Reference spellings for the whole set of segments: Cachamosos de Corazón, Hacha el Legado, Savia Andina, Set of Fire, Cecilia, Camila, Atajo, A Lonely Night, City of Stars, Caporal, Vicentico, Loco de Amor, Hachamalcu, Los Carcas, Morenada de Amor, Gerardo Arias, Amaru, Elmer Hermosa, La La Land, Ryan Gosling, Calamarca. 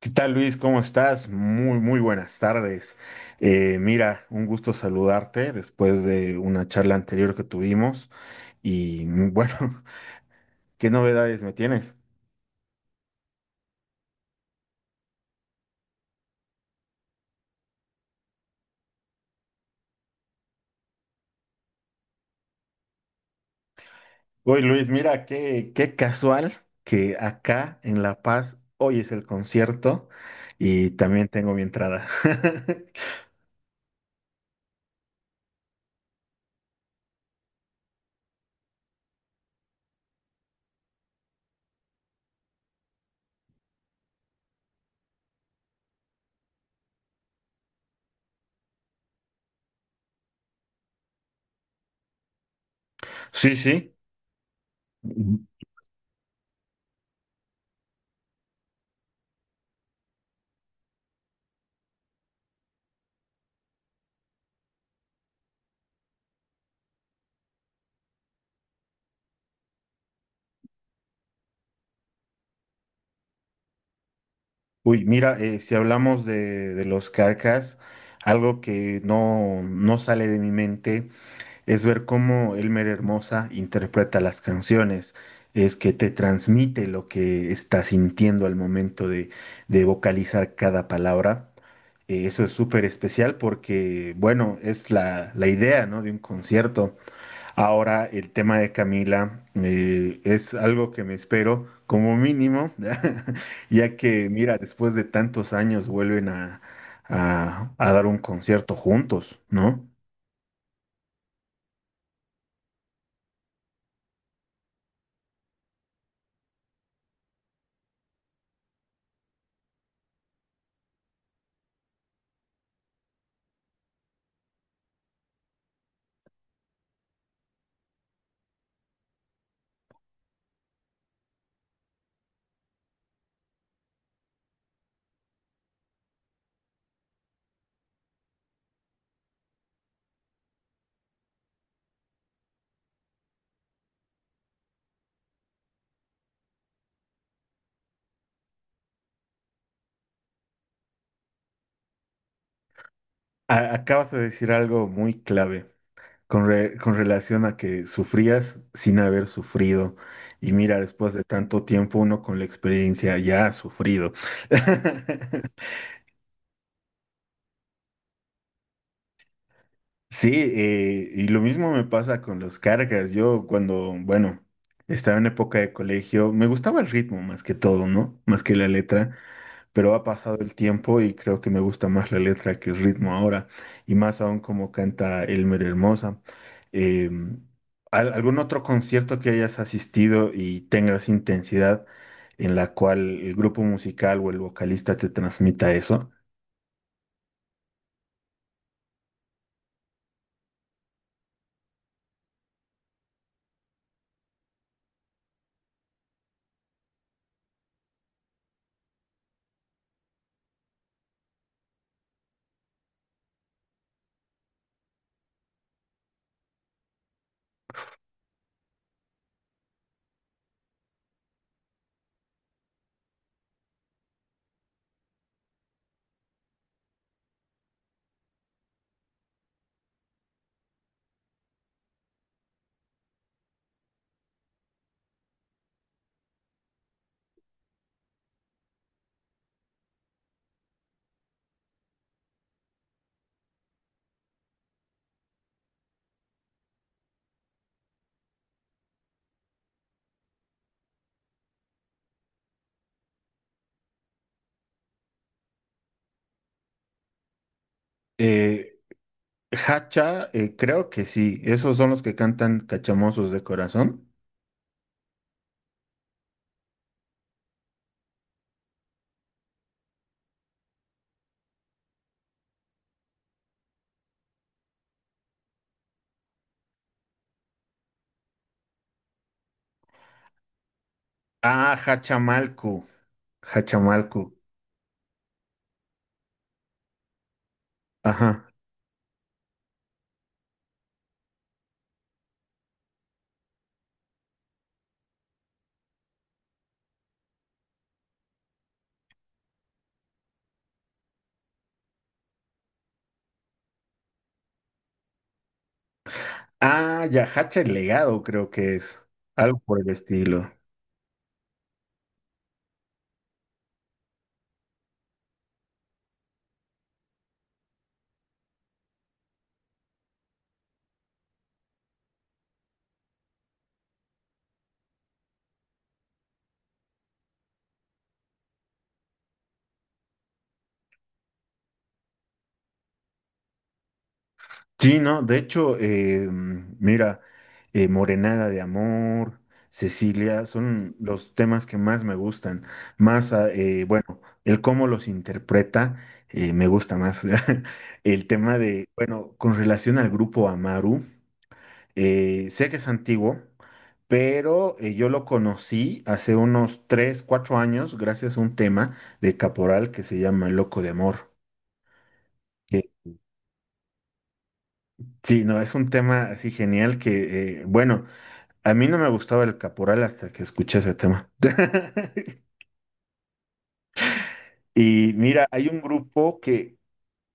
¿Qué tal, Luis? ¿Cómo estás? Muy, muy buenas tardes. Mira, un gusto saludarte después de una charla anterior que tuvimos. Y bueno, ¿qué novedades me tienes? Uy, Luis, mira, qué casual que acá en La Paz hoy es el concierto y también tengo mi entrada. Sí, sí. Mm. Uy, mira, si hablamos de los Carcas, algo que no, no sale de mi mente. Es ver cómo Elmer Hermosa interpreta las canciones, es que te transmite lo que está sintiendo al momento de vocalizar cada palabra. Eso es súper especial porque, bueno, es la idea, ¿no?, de un concierto. Ahora, el tema de Camila es algo que me espero como mínimo, ya que, mira, después de tantos años vuelven a dar un concierto juntos, ¿no? Acabas de decir algo muy clave con relación a que sufrías sin haber sufrido. Y mira, después de tanto tiempo, uno con la experiencia ya ha sufrido. Sí, y lo mismo me pasa con las cargas. Yo cuando, bueno, estaba en época de colegio, me gustaba el ritmo más que todo, ¿no? Más que la letra. Pero ha pasado el tiempo y creo que me gusta más la letra que el ritmo ahora, y más aún como canta Elmer Hermosa. Eh, ¿Algún otro concierto que hayas asistido y tengas intensidad en la cual el grupo musical o el vocalista te transmita eso? Eh, Hacha, creo que sí, esos son los que cantan Cachamosos de Corazón. Ah, Hachamalcu. Hachamalcu, ajá. Ah, ya, Hacha el Legado creo que es, algo por el estilo. Sí, no, de hecho, mira, Morenada de Amor, Cecilia, son los temas que más me gustan. Más, ah, bueno, el cómo los interpreta, me gusta más. El tema de, bueno, con relación al grupo Amaru, sé que es antiguo, pero yo lo conocí hace unos 3, 4 años gracias a un tema de Caporal que se llama Loco de Amor. Que Sí, no, es un tema así genial que, bueno, a mí no me gustaba el Caporal hasta que escuché ese tema. Y mira, hay un grupo que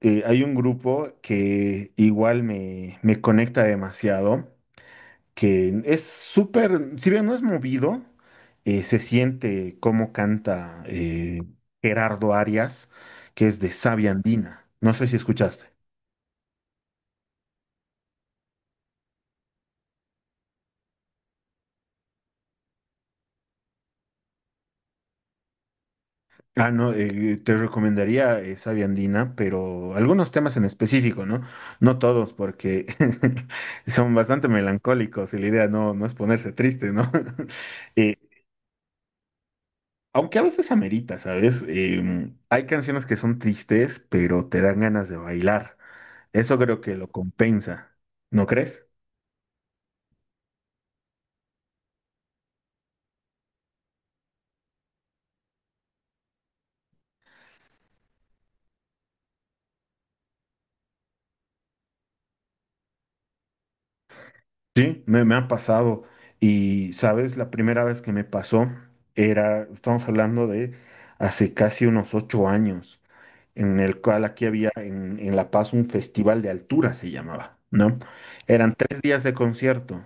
hay un grupo que igual me conecta demasiado, que es súper, si bien no es movido, se siente cómo canta Gerardo Arias, que es de Savia Andina. No sé si escuchaste. Ah, no, te recomendaría esa viandina, pero algunos temas en específico, ¿no? No todos, porque son bastante melancólicos y la idea no, no es ponerse triste, ¿no? Eh, Aunque a veces amerita, ¿sabes? Hay canciones que son tristes, pero te dan ganas de bailar. Eso creo que lo compensa, ¿no crees? Sí, me ha pasado. Y, ¿sabes?, la primera vez que me pasó era, estamos hablando de hace casi unos 8 años, en el cual aquí había en La Paz un festival de altura, se llamaba, ¿no? Eran 3 días de concierto.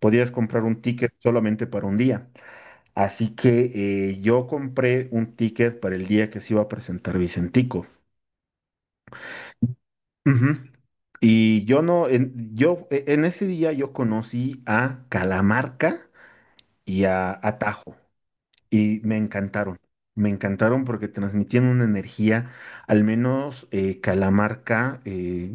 Podías comprar un ticket solamente para un día. Así que yo compré un ticket para el día que se iba a presentar Vicentico. Ujú. Y yo no, en, yo, e, en ese día yo conocí a Calamarca y a Atajo, y me encantaron. Me encantaron porque transmitían una energía, al menos Calamarca,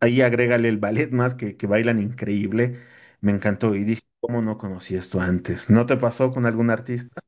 ahí agrégale el ballet, más que bailan increíble. Me encantó y dije, ¿cómo no conocí esto antes? ¿No te pasó con algún artista?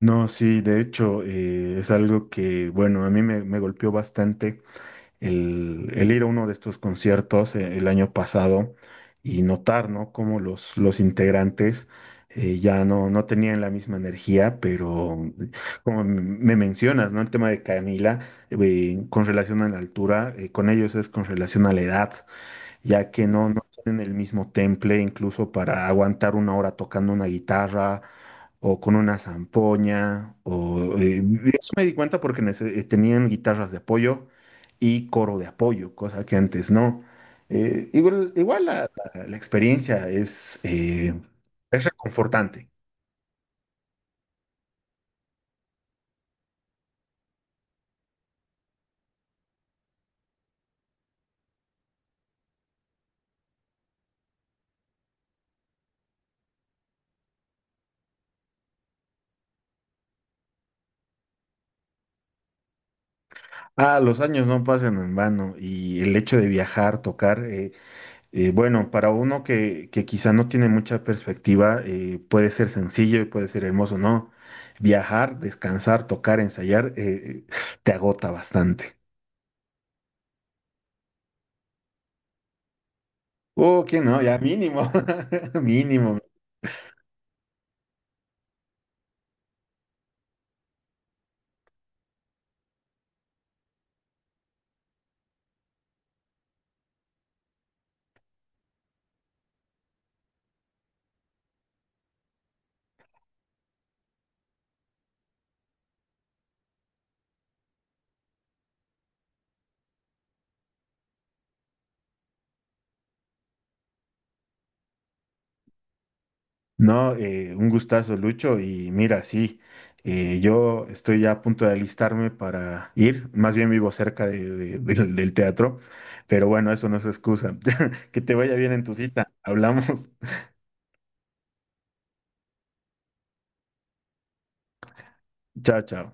No, sí, de hecho, es algo que, bueno, a mí me golpeó bastante el ir a uno de estos conciertos el año pasado y notar, ¿no?, cómo los integrantes ya no, no tenían la misma energía, pero como me mencionas, ¿no?, el tema de Camila, con relación a la altura, con ellos es con relación a la edad, ya que no, no tienen el mismo temple incluso para aguantar una hora tocando una guitarra o con una zampoña. Eso me di cuenta porque tenían guitarras de apoyo y coro de apoyo, cosa que antes no. Igual la experiencia es reconfortante. Ah, los años no pasan en vano y el hecho de viajar, tocar. Bueno, para uno que quizá no tiene mucha perspectiva, puede ser sencillo y puede ser hermoso, ¿no? Viajar, descansar, tocar, ensayar, te agota bastante. Oh, ¿quién no? Ya mínimo, mínimo. No, un gustazo, Lucho. Y mira, sí, yo estoy ya a punto de alistarme para ir. Más bien vivo cerca del teatro, pero bueno, eso no es excusa. Que te vaya bien en tu cita. Hablamos. Chao, chao.